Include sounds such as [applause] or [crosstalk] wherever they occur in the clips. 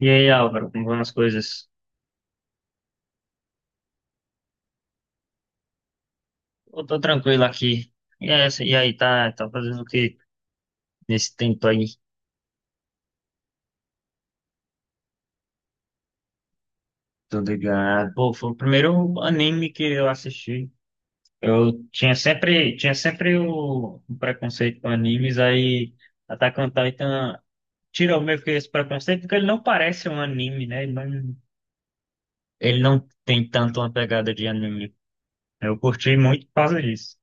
E aí, Álvaro, como vão as coisas? Eu tô tranquilo aqui. E aí, tá fazendo o que nesse tempo aí? Tô ligado. Pô, foi o primeiro anime que eu assisti. Eu tinha sempre o preconceito com animes, aí Attack on Titan tirou meio que esse preconceito, porque ele não parece um anime, né? Ele não tem tanto uma pegada de anime. Eu curti muito por causa disso,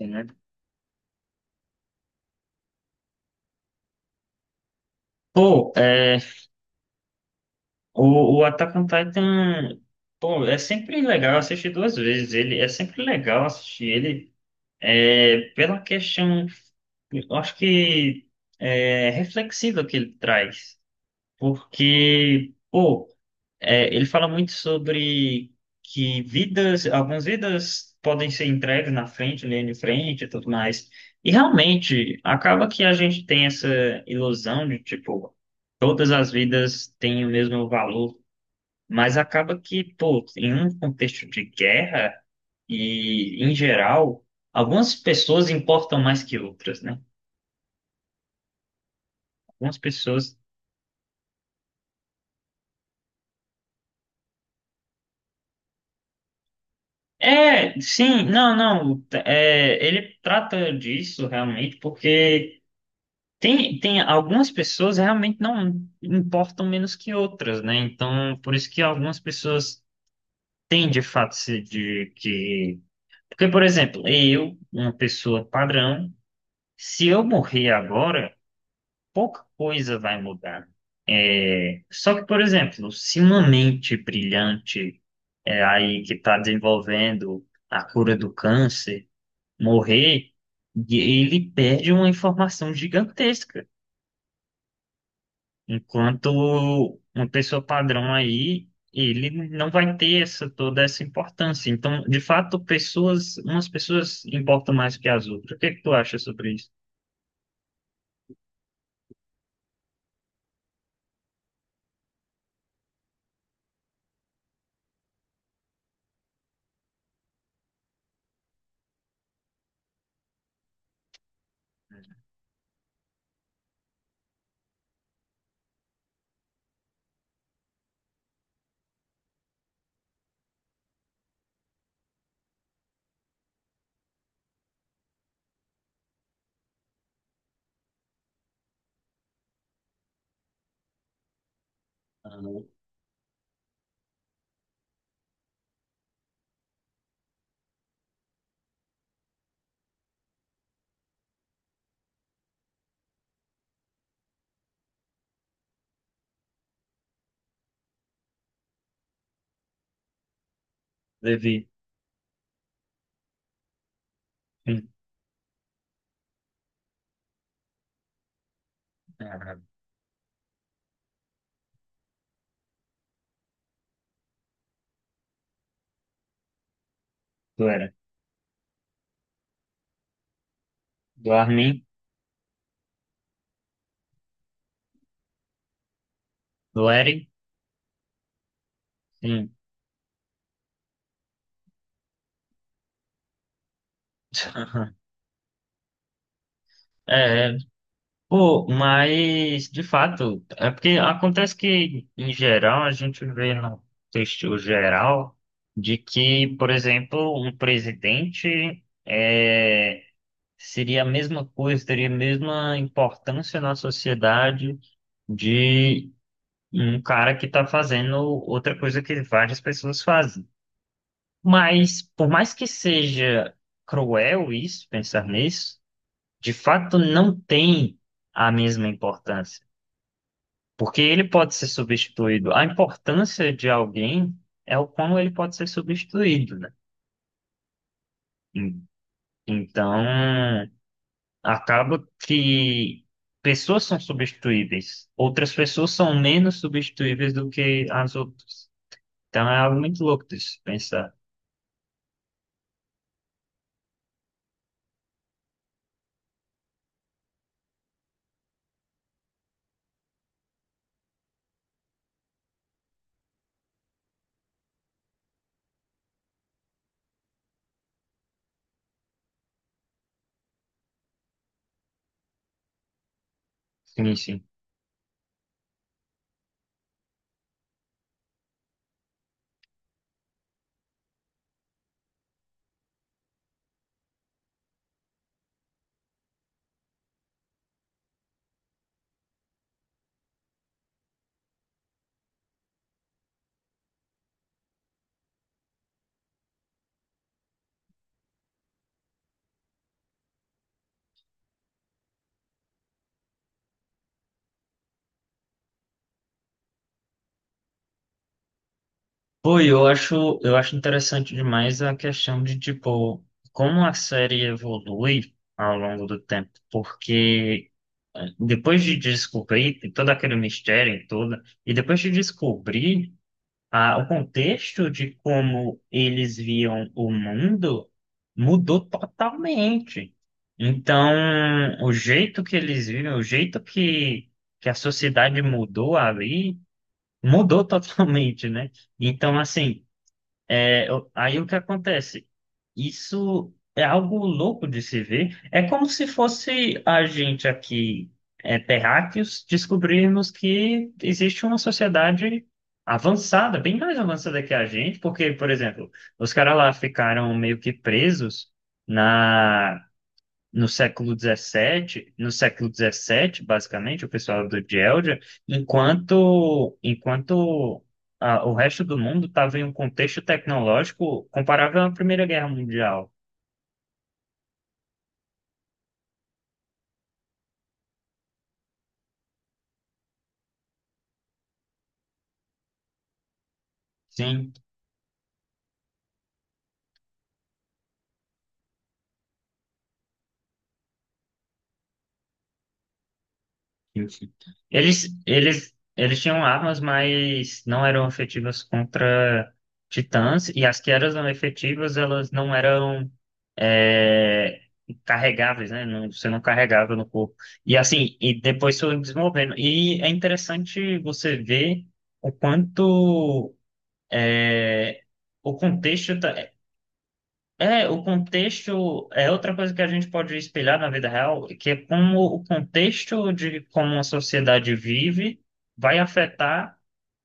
né? Pô, é, o Attack on Titan, pô, é sempre legal assistir duas vezes. Ele é sempre legal assistir ele é, pela questão, eu acho que é, reflexiva que ele traz, porque pô, é, ele fala muito sobre que vidas, algumas vidas podem ser entregues na frente, linha de frente e tudo mais. E realmente acaba que a gente tem essa ilusão de tipo todas as vidas têm o mesmo valor, mas acaba que, pô, em um contexto de guerra e, em geral, algumas pessoas importam mais que outras, né? Algumas pessoas. É, sim, não, não. É, ele trata disso realmente porque tem algumas pessoas realmente não importam menos que outras, né? Então, por isso que algumas pessoas têm de fato se de que. Porque, por exemplo, eu, uma pessoa padrão, se eu morrer agora, pouca coisa vai mudar. Só que, por exemplo, se uma mente brilhante é, aí que está desenvolvendo a cura do câncer morrer, e ele perde uma informação gigantesca. Enquanto uma pessoa padrão aí, ele não vai ter essa, toda essa importância. Então, de fato, pessoas, umas pessoas importam mais que as outras. O que é que tu acha sobre isso? Ah, Levi. Sim. Ah, do Eren. Do Armin, do Eren. Sim. É, é. Pô, mas de fato, é porque acontece que, em geral, a gente vê no texto geral de que, por exemplo, um presidente é, seria a mesma coisa, teria a mesma importância na sociedade de um cara que está fazendo outra coisa que várias pessoas fazem. Mas, por mais que seja cruel isso, pensar nisso, de fato não tem a mesma importância, porque ele pode ser substituído. A importância de alguém é o como ele pode ser substituído, né? En- Então, acaba que pessoas são substituíveis, outras pessoas são menos substituíveis do que as outras. Então, é algo muito louco de se pensar. Sim, sim. Pô, eu acho interessante demais a questão de, tipo, como a série evolui ao longo do tempo, porque eh, depois de descobrir todo aquele mistério e tudo, e depois de descobrir ah, o contexto de como eles viam o mundo, mudou totalmente. Então, o jeito que eles vivem, o jeito que a sociedade mudou ali, mudou [laughs] totalmente, né? Então, assim. É, aí o que acontece? Isso é algo louco de se ver. É como se fosse a gente aqui, é, terráqueos, descobrirmos que existe uma sociedade avançada, bem mais avançada que a gente, porque, por exemplo, os caras lá ficaram meio que presos na no século dezessete basicamente, o pessoal do Geldia, enquanto ah, o resto do mundo estava em um contexto tecnológico comparável à Primeira Guerra Mundial. Sim. Sim, sim. Eles tinham armas, mas não eram efetivas contra titãs, e as que eram efetivas, elas não eram é, carregáveis, né? Não- você não carregava no corpo. E assim, e depois foram desenvolvendo. E é interessante você ver o quanto é, o contexto o contexto é outra coisa que a gente pode espelhar na vida real, que é como o contexto de como uma sociedade vive vai afetar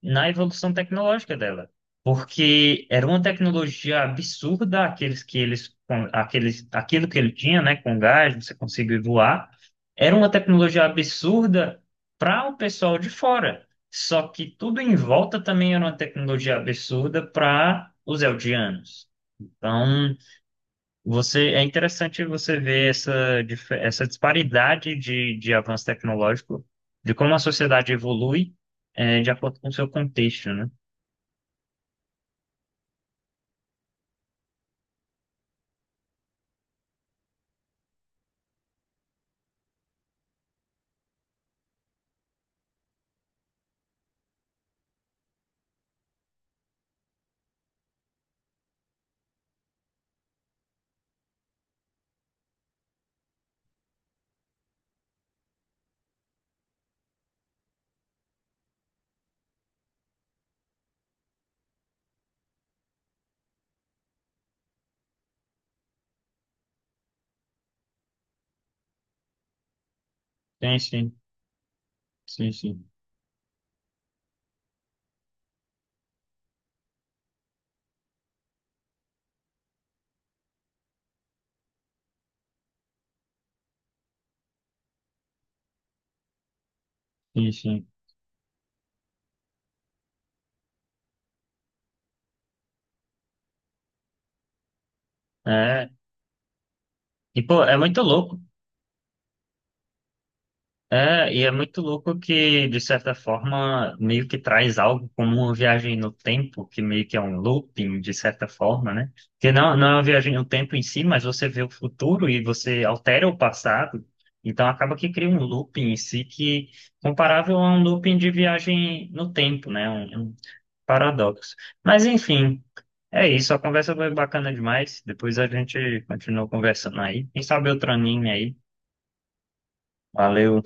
na evolução tecnológica dela. Porque era uma tecnologia absurda aqueles que eles, com- aqueles, aquilo que ele tinha, né, com gás, você conseguir voar, era uma tecnologia absurda para o pessoal de fora. Só que tudo em volta também era uma tecnologia absurda para os eldianos. Então, você, é interessante você ver essa, essa disparidade de, avanço tecnológico, de como a sociedade evolui, eh, de acordo com o seu contexto, né? Sim, sim, sim, sim, sim, sim. É, e, pô, é muito louco. É, e é muito louco que, de certa forma, meio que traz algo como uma viagem no tempo, que meio que é um looping, de certa forma, né? Que não, não é uma viagem no tempo em si, mas você vê o futuro e você altera o passado, então acaba que cria um looping em si que, comparável a um looping de viagem no tempo, né? Um paradoxo. Mas, enfim, é isso, a conversa foi bacana demais, depois a gente continua conversando aí. Quem sabe outro anime aí. Valeu!